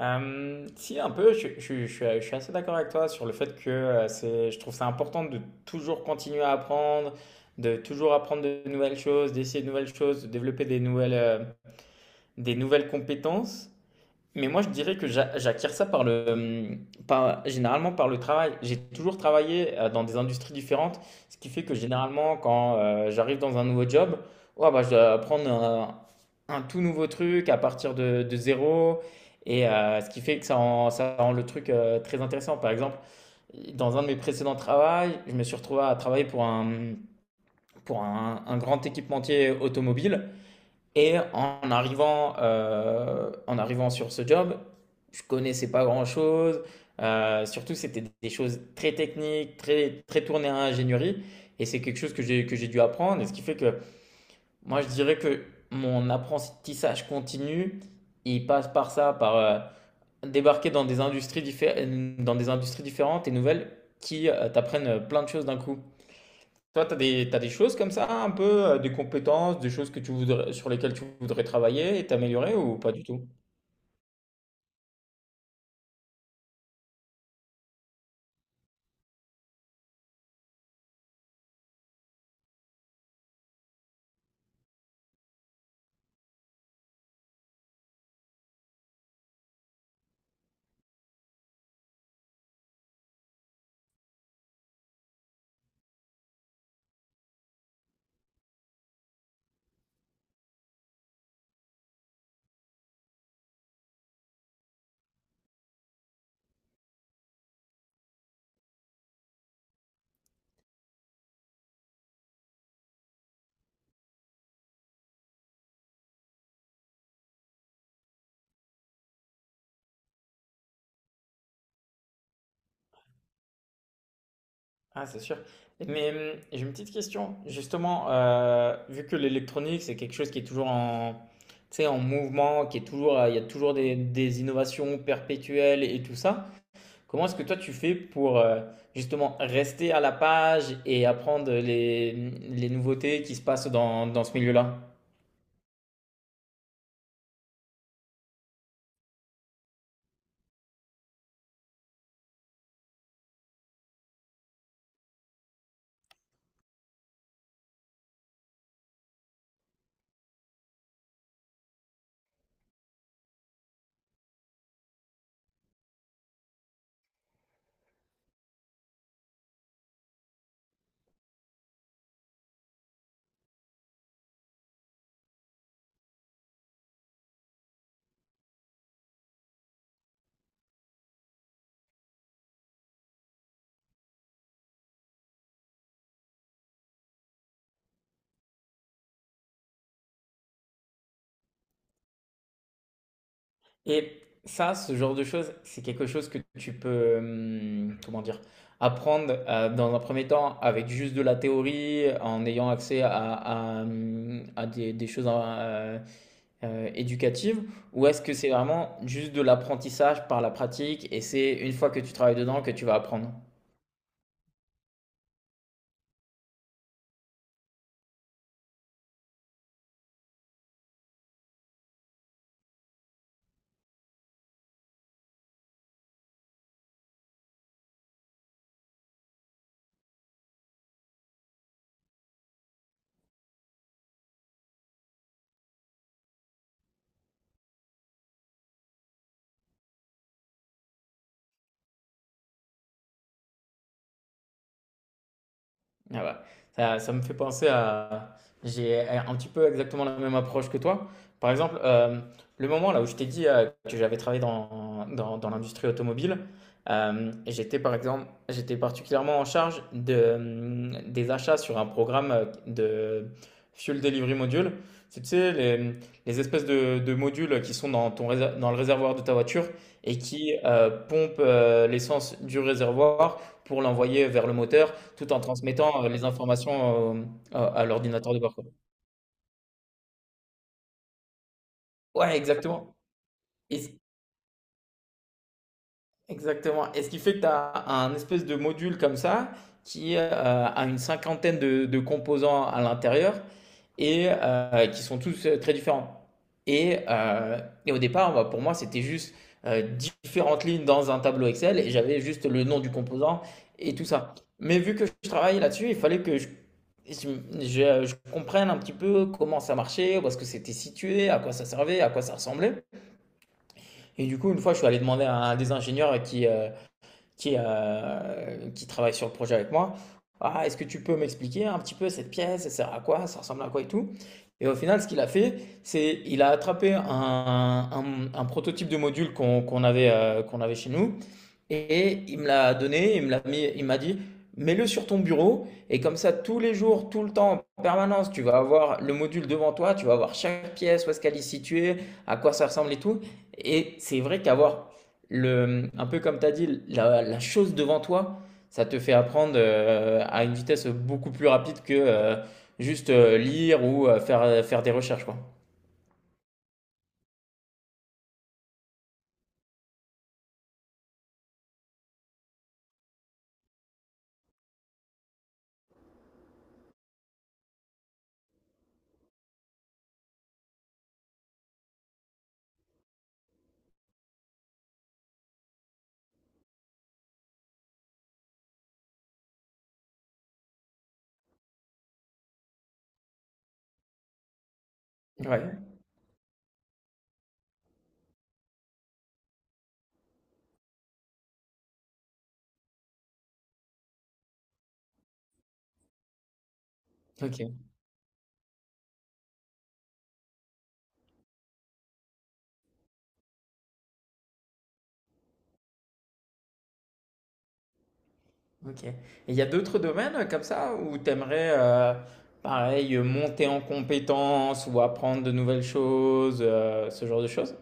Si, un peu, je suis assez d'accord avec toi sur le fait que je trouve ça important de toujours continuer à apprendre, de toujours apprendre de nouvelles choses, d'essayer de nouvelles choses, de développer des nouvelles compétences. Mais moi, je dirais que j'acquiers ça par généralement par le travail. J'ai toujours travaillé dans des industries différentes, ce qui fait que généralement, quand j'arrive dans un nouveau job, ouais, bah, je dois apprendre un tout nouveau truc à partir de zéro. Et ce qui fait que ça rend le truc très intéressant. Par exemple, dans un de mes précédents travails, je me suis retrouvé à travailler pour un grand équipementier automobile. Et en arrivant sur ce job, je connaissais pas grand-chose. Surtout, c'était des choses très techniques, très tournées à ingénierie. Et c'est quelque chose que j'ai dû apprendre. Et ce qui fait que moi, je dirais que mon apprentissage continu, il passe par ça, par débarquer dans des dans des industries différentes et nouvelles qui t'apprennent plein de choses d'un coup. Toi, t'as des choses comme ça, un peu, des compétences, des choses que tu voudrais, sur lesquelles tu voudrais travailler et t'améliorer ou pas du tout? Ah, c'est sûr. Mais j'ai une petite question. Justement, vu que l'électronique, c'est quelque chose qui est toujours en, tu sais, en mouvement, qui est toujours, il y a toujours des innovations perpétuelles et tout ça, comment est-ce que toi tu fais pour justement rester à la page et apprendre les nouveautés qui se passent dans ce milieu-là? Et ça, ce genre de choses, c'est quelque chose que tu peux, comment dire, apprendre dans un premier temps avec juste de la théorie, en ayant accès à des choses éducative ou est-ce que c'est vraiment juste de l'apprentissage par la pratique et c'est une fois que tu travailles dedans que tu vas apprendre? Ah bah, ça me fait penser à... J'ai un petit peu exactement la même approche que toi. Par exemple, le moment là où je t'ai dit que j'avais travaillé dans l'industrie automobile, j'étais particulièrement en charge des achats sur un programme de Fuel Delivery Module. C'est, tu sais, les espèces de modules qui sont dans le réservoir de ta voiture et qui pompent l'essence du réservoir pour l'envoyer vers le moteur tout en transmettant les informations à l'ordinateur de bord, quoi. Ouais, exactement et c Exactement. Et ce qui fait que tu as un espèce de module comme ça qui a une cinquantaine de composants à l'intérieur et qui sont tous très différents. Et, euh, et au départ, bah, pour moi, c'était juste euh, différentes lignes dans un tableau Excel et j'avais juste le nom du composant et tout ça. Mais vu que je travaillais là-dessus, il fallait que je- je comprenne un petit peu comment ça marchait, où est-ce que c'était situé, à quoi ça servait, à quoi ça ressemblait. Et du coup, une fois, je suis allé demander à un des ingénieurs qui travaille sur le projet avec moi. Ah, est-ce que tu peux m'expliquer un petit peu cette pièce, ça sert à quoi, ça ressemble à quoi et tout. Et au final, ce qu'il a fait, c'est il a attrapé un prototype de module qu'on avait chez nous. Et il me l'a donné, il me l'a mis, il m'a dit, mets-le sur ton bureau et comme ça tous les jours, tout le temps, en permanence, tu vas avoir le module devant toi, tu vas avoir chaque pièce, où est-ce qu'elle est située, à quoi ça ressemble et tout. Et c'est vrai qu'avoir un peu comme tu as dit, la chose devant toi, ça te fait apprendre à une vitesse beaucoup plus rapide que juste lire ou faire des recherches, quoi. Ouais. Ok. Ok. Et il y a d'autres domaines comme ça où tu aimerais, pareil, monter en compétences ou apprendre de nouvelles choses, ce genre de choses?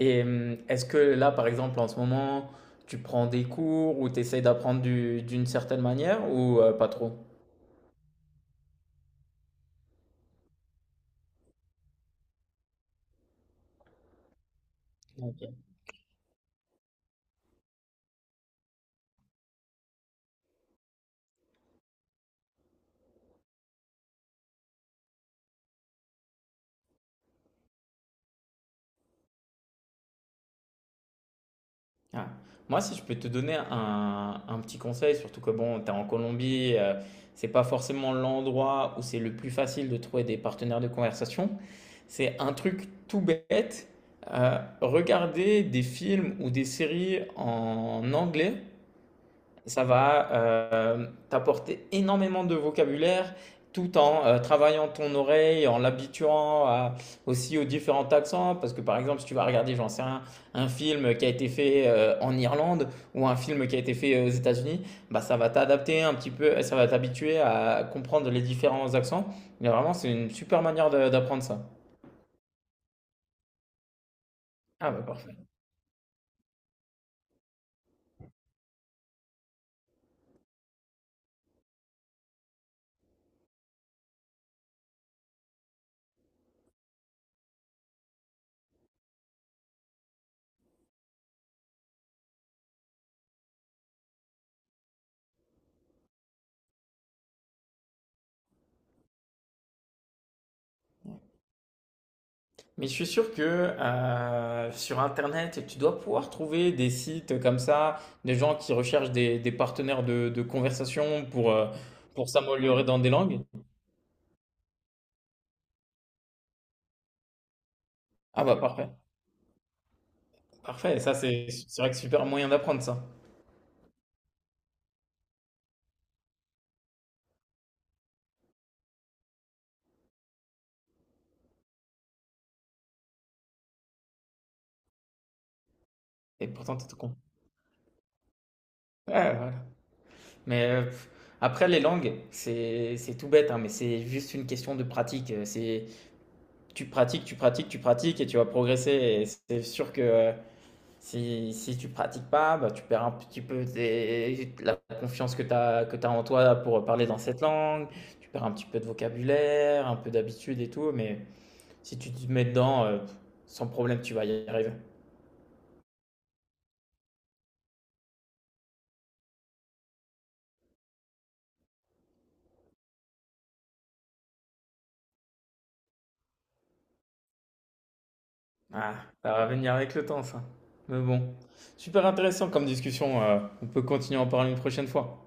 Et est-ce que là, par exemple, en ce moment, tu prends des cours ou tu essaies d'une certaine manière ou pas trop? Ok. Ah. Moi, si je peux te donner un petit conseil, surtout que bon, tu es en Colombie, c'est pas forcément l'endroit où c'est le plus facile de trouver des partenaires de conversation. C'est un truc tout bête. Regarder des films ou des séries en anglais, ça va t'apporter énormément de vocabulaire tout en travaillant ton oreille, en l'habituant à- aussi aux différents accents. Parce que par exemple, si tu vas regarder, j'en sais rien, un film qui a été fait en Irlande ou un film qui a été fait aux États-Unis, bah, ça va t'adapter un petit peu, ça va t'habituer à comprendre les différents accents. Mais vraiment, c'est une super manière de- d'apprendre ça. Ah bah parfait. Mais je suis sûr que sur Internet, tu dois pouvoir trouver des sites comme ça, des gens qui recherchent des partenaires de conversation pour pour s'améliorer dans des langues. Ah bah parfait, parfait. Ça, c'est vrai que super moyen d'apprendre ça. Et pourtant, t'es tout con. Ouais, voilà. Mais après, les langues, c'est tout bête, hein, mais c'est juste une question de pratique. C'est tu pratiques, tu pratiques, tu pratiques et tu vas progresser. Et c'est sûr que si, si tu pratiques pas, bah, tu perds un petit peu la confiance que tu as, que tu en toi pour parler dans cette langue, tu perds un petit peu de vocabulaire, un peu d'habitude et tout, mais si tu te mets dedans, sans problème, tu vas y arriver. Ah, ça va venir avec le temps, ça. Mais bon, super intéressant comme discussion, on peut continuer à en parler une prochaine fois.